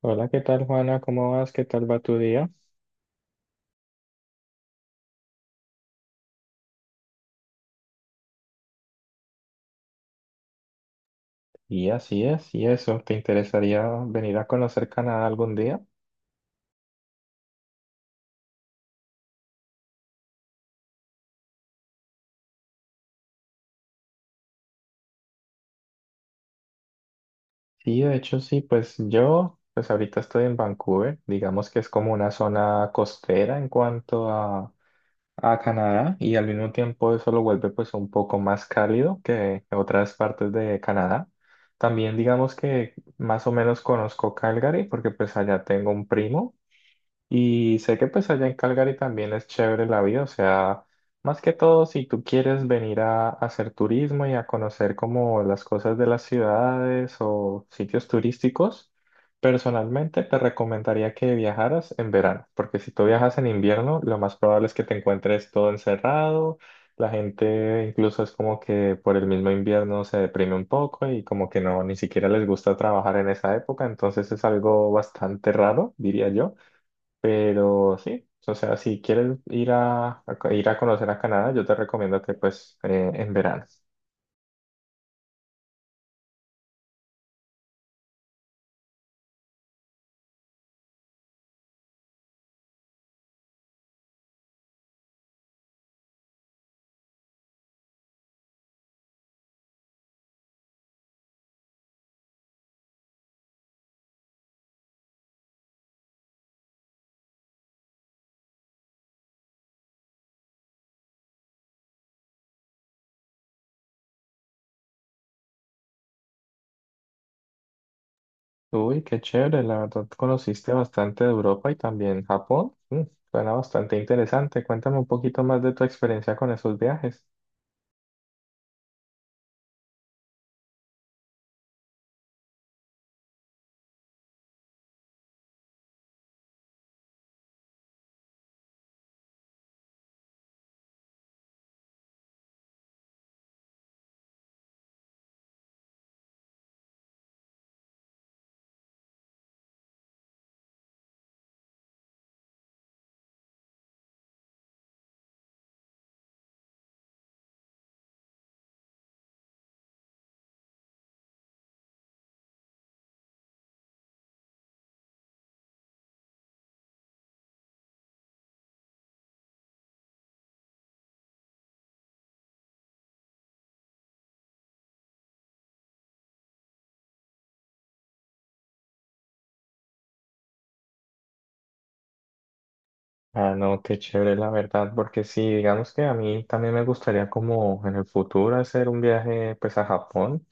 Hola, ¿qué tal, Juana? ¿Cómo vas? ¿Qué tal va tu día? Y así es, y eso, ¿te interesaría venir a conocer Canadá algún día? Sí, de hecho sí, pues yo, pues ahorita estoy en Vancouver, digamos que es como una zona costera en cuanto a Canadá y al mismo tiempo eso lo vuelve pues un poco más cálido que otras partes de Canadá. También digamos que más o menos conozco Calgary porque pues allá tengo un primo. Y sé que pues allá en Calgary también es chévere la vida, o sea, más que todo si tú quieres venir a hacer turismo y a conocer como las cosas de las ciudades o sitios turísticos, personalmente te recomendaría que viajaras en verano, porque si tú viajas en invierno, lo más probable es que te encuentres todo encerrado, la gente incluso es como que por el mismo invierno se deprime un poco y como que no, ni siquiera les gusta trabajar en esa época, entonces es algo bastante raro, diría yo. Pero sí, o sea, si quieres ir ir a conocer a Canadá, yo te recomiendo que pues en verano. Uy, qué chévere, la verdad conociste bastante de Europa y también Japón. Mm, suena bastante interesante. Cuéntame un poquito más de tu experiencia con esos viajes. Ah, no, qué chévere, la verdad, porque sí, digamos que a mí también me gustaría como en el futuro hacer un viaje pues a Japón.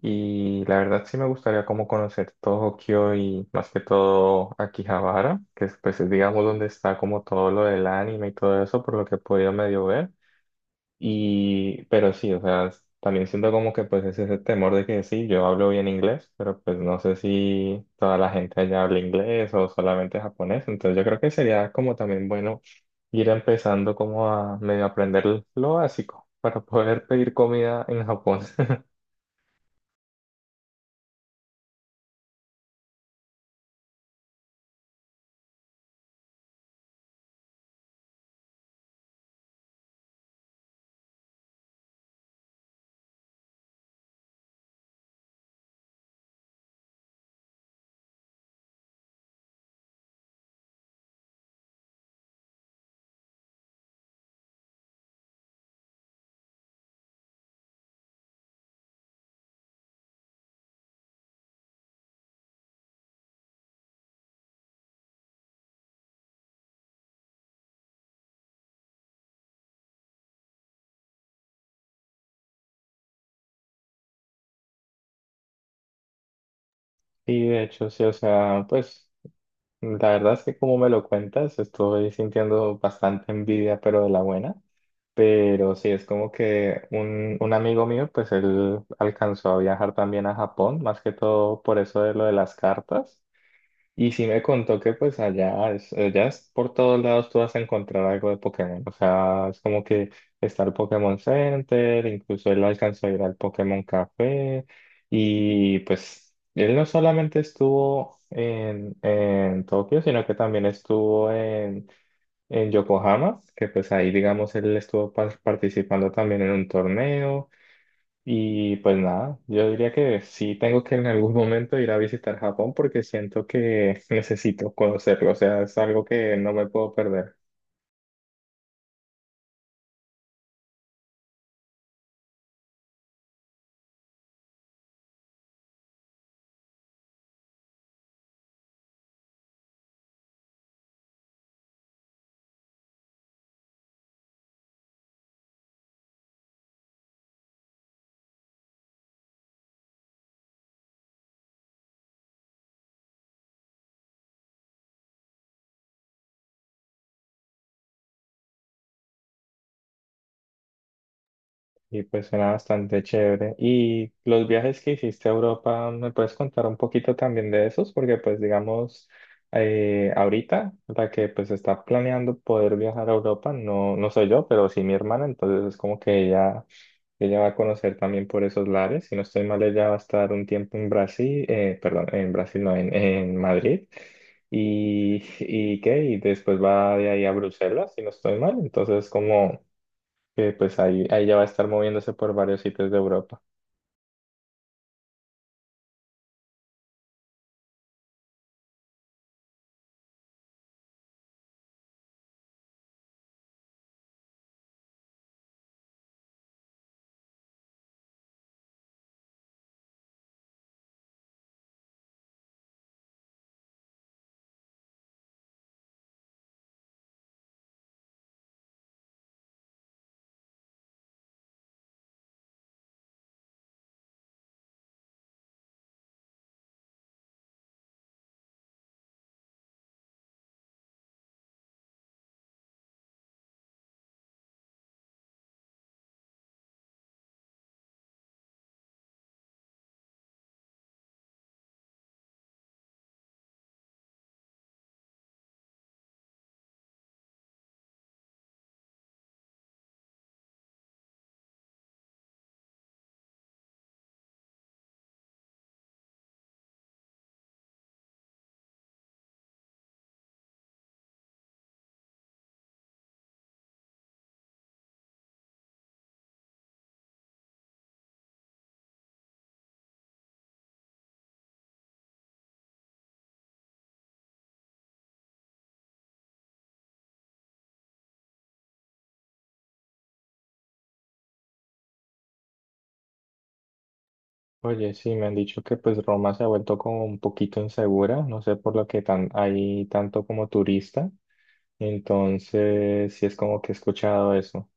Y la verdad sí me gustaría como conocer Tokio y más que todo Akihabara, que es pues es, digamos donde está como todo lo del anime y todo eso, por lo que he podido medio ver. Y, pero sí, o sea, también siento como que pues es ese temor de que sí, yo hablo bien inglés, pero pues no sé si toda la gente allá habla inglés o solamente japonés. Entonces yo creo que sería como también bueno ir empezando como a medio aprender lo básico para poder pedir comida en Japón. Sí, de hecho, sí, o sea, pues la verdad es que como me lo cuentas, estoy sintiendo bastante envidia, pero de la buena. Pero sí, es como que un amigo mío, pues él alcanzó a viajar también a Japón, más que todo por eso de lo de las cartas. Y sí me contó que pues allá es por todos lados tú vas a encontrar algo de Pokémon. O sea, es como que está el Pokémon Center, incluso él alcanzó a ir al Pokémon Café. Y pues él no solamente estuvo en Tokio, sino que también estuvo en Yokohama, que pues ahí digamos él estuvo participando también en un torneo. Y pues nada, yo diría que sí tengo que en algún momento ir a visitar Japón porque siento que necesito conocerlo, o sea, es algo que no me puedo perder. Y pues suena bastante chévere. Y los viajes que hiciste a Europa, ¿me puedes contar un poquito también de esos? Porque pues digamos, ahorita la que pues está planeando poder viajar a Europa, no, no soy yo, pero sí mi hermana, entonces es como que ella Ella va a conocer también por esos lares. Si no estoy mal, ella va a estar un tiempo en Brasil, perdón, en Brasil, no, en Madrid. Y, y qué, y después va de ahí a Bruselas, si no estoy mal. Entonces, como que pues ahí, ahí ya va a estar moviéndose por varios sitios de Europa. Oye, sí, me han dicho que pues Roma se ha vuelto como un poquito insegura, no sé por lo que tan, hay tanto como turista. Entonces, sí es como que he escuchado eso.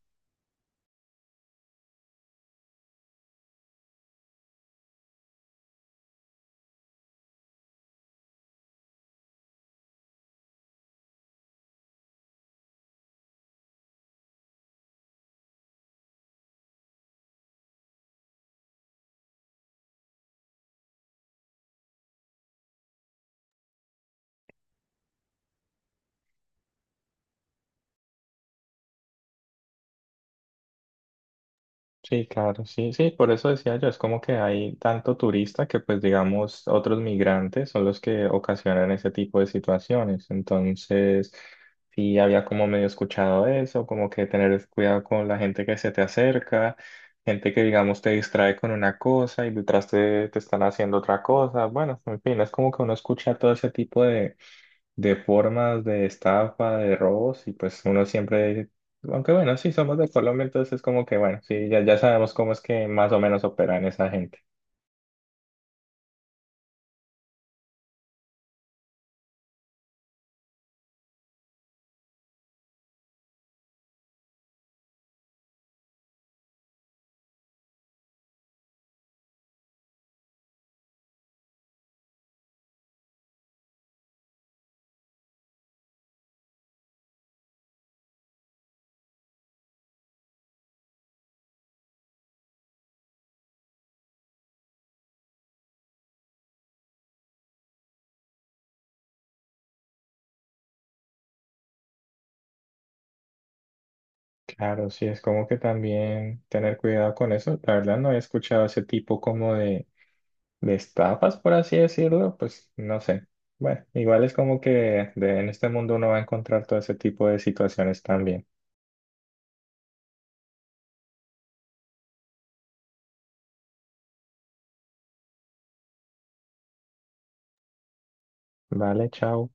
Sí, claro, sí, sí, por eso decía yo, es como que hay tanto turista que pues digamos otros migrantes son los que ocasionan ese tipo de situaciones. Entonces, sí había como medio escuchado eso, como que tener cuidado con la gente que se te acerca, gente que digamos te distrae con una cosa y detrás te están haciendo otra cosa. Bueno, en fin, es como que uno escucha todo ese tipo de formas de estafa, de robos, y pues uno siempre, aunque bueno, sí somos de Colombia, entonces es como que bueno, sí, ya, ya sabemos cómo es que más o menos operan esa gente. Claro, sí, es como que también tener cuidado con eso. La verdad no he escuchado ese tipo como de estafas, por así decirlo, pues no sé. Bueno, igual es como que en este mundo uno va a encontrar todo ese tipo de situaciones también. Vale, chao.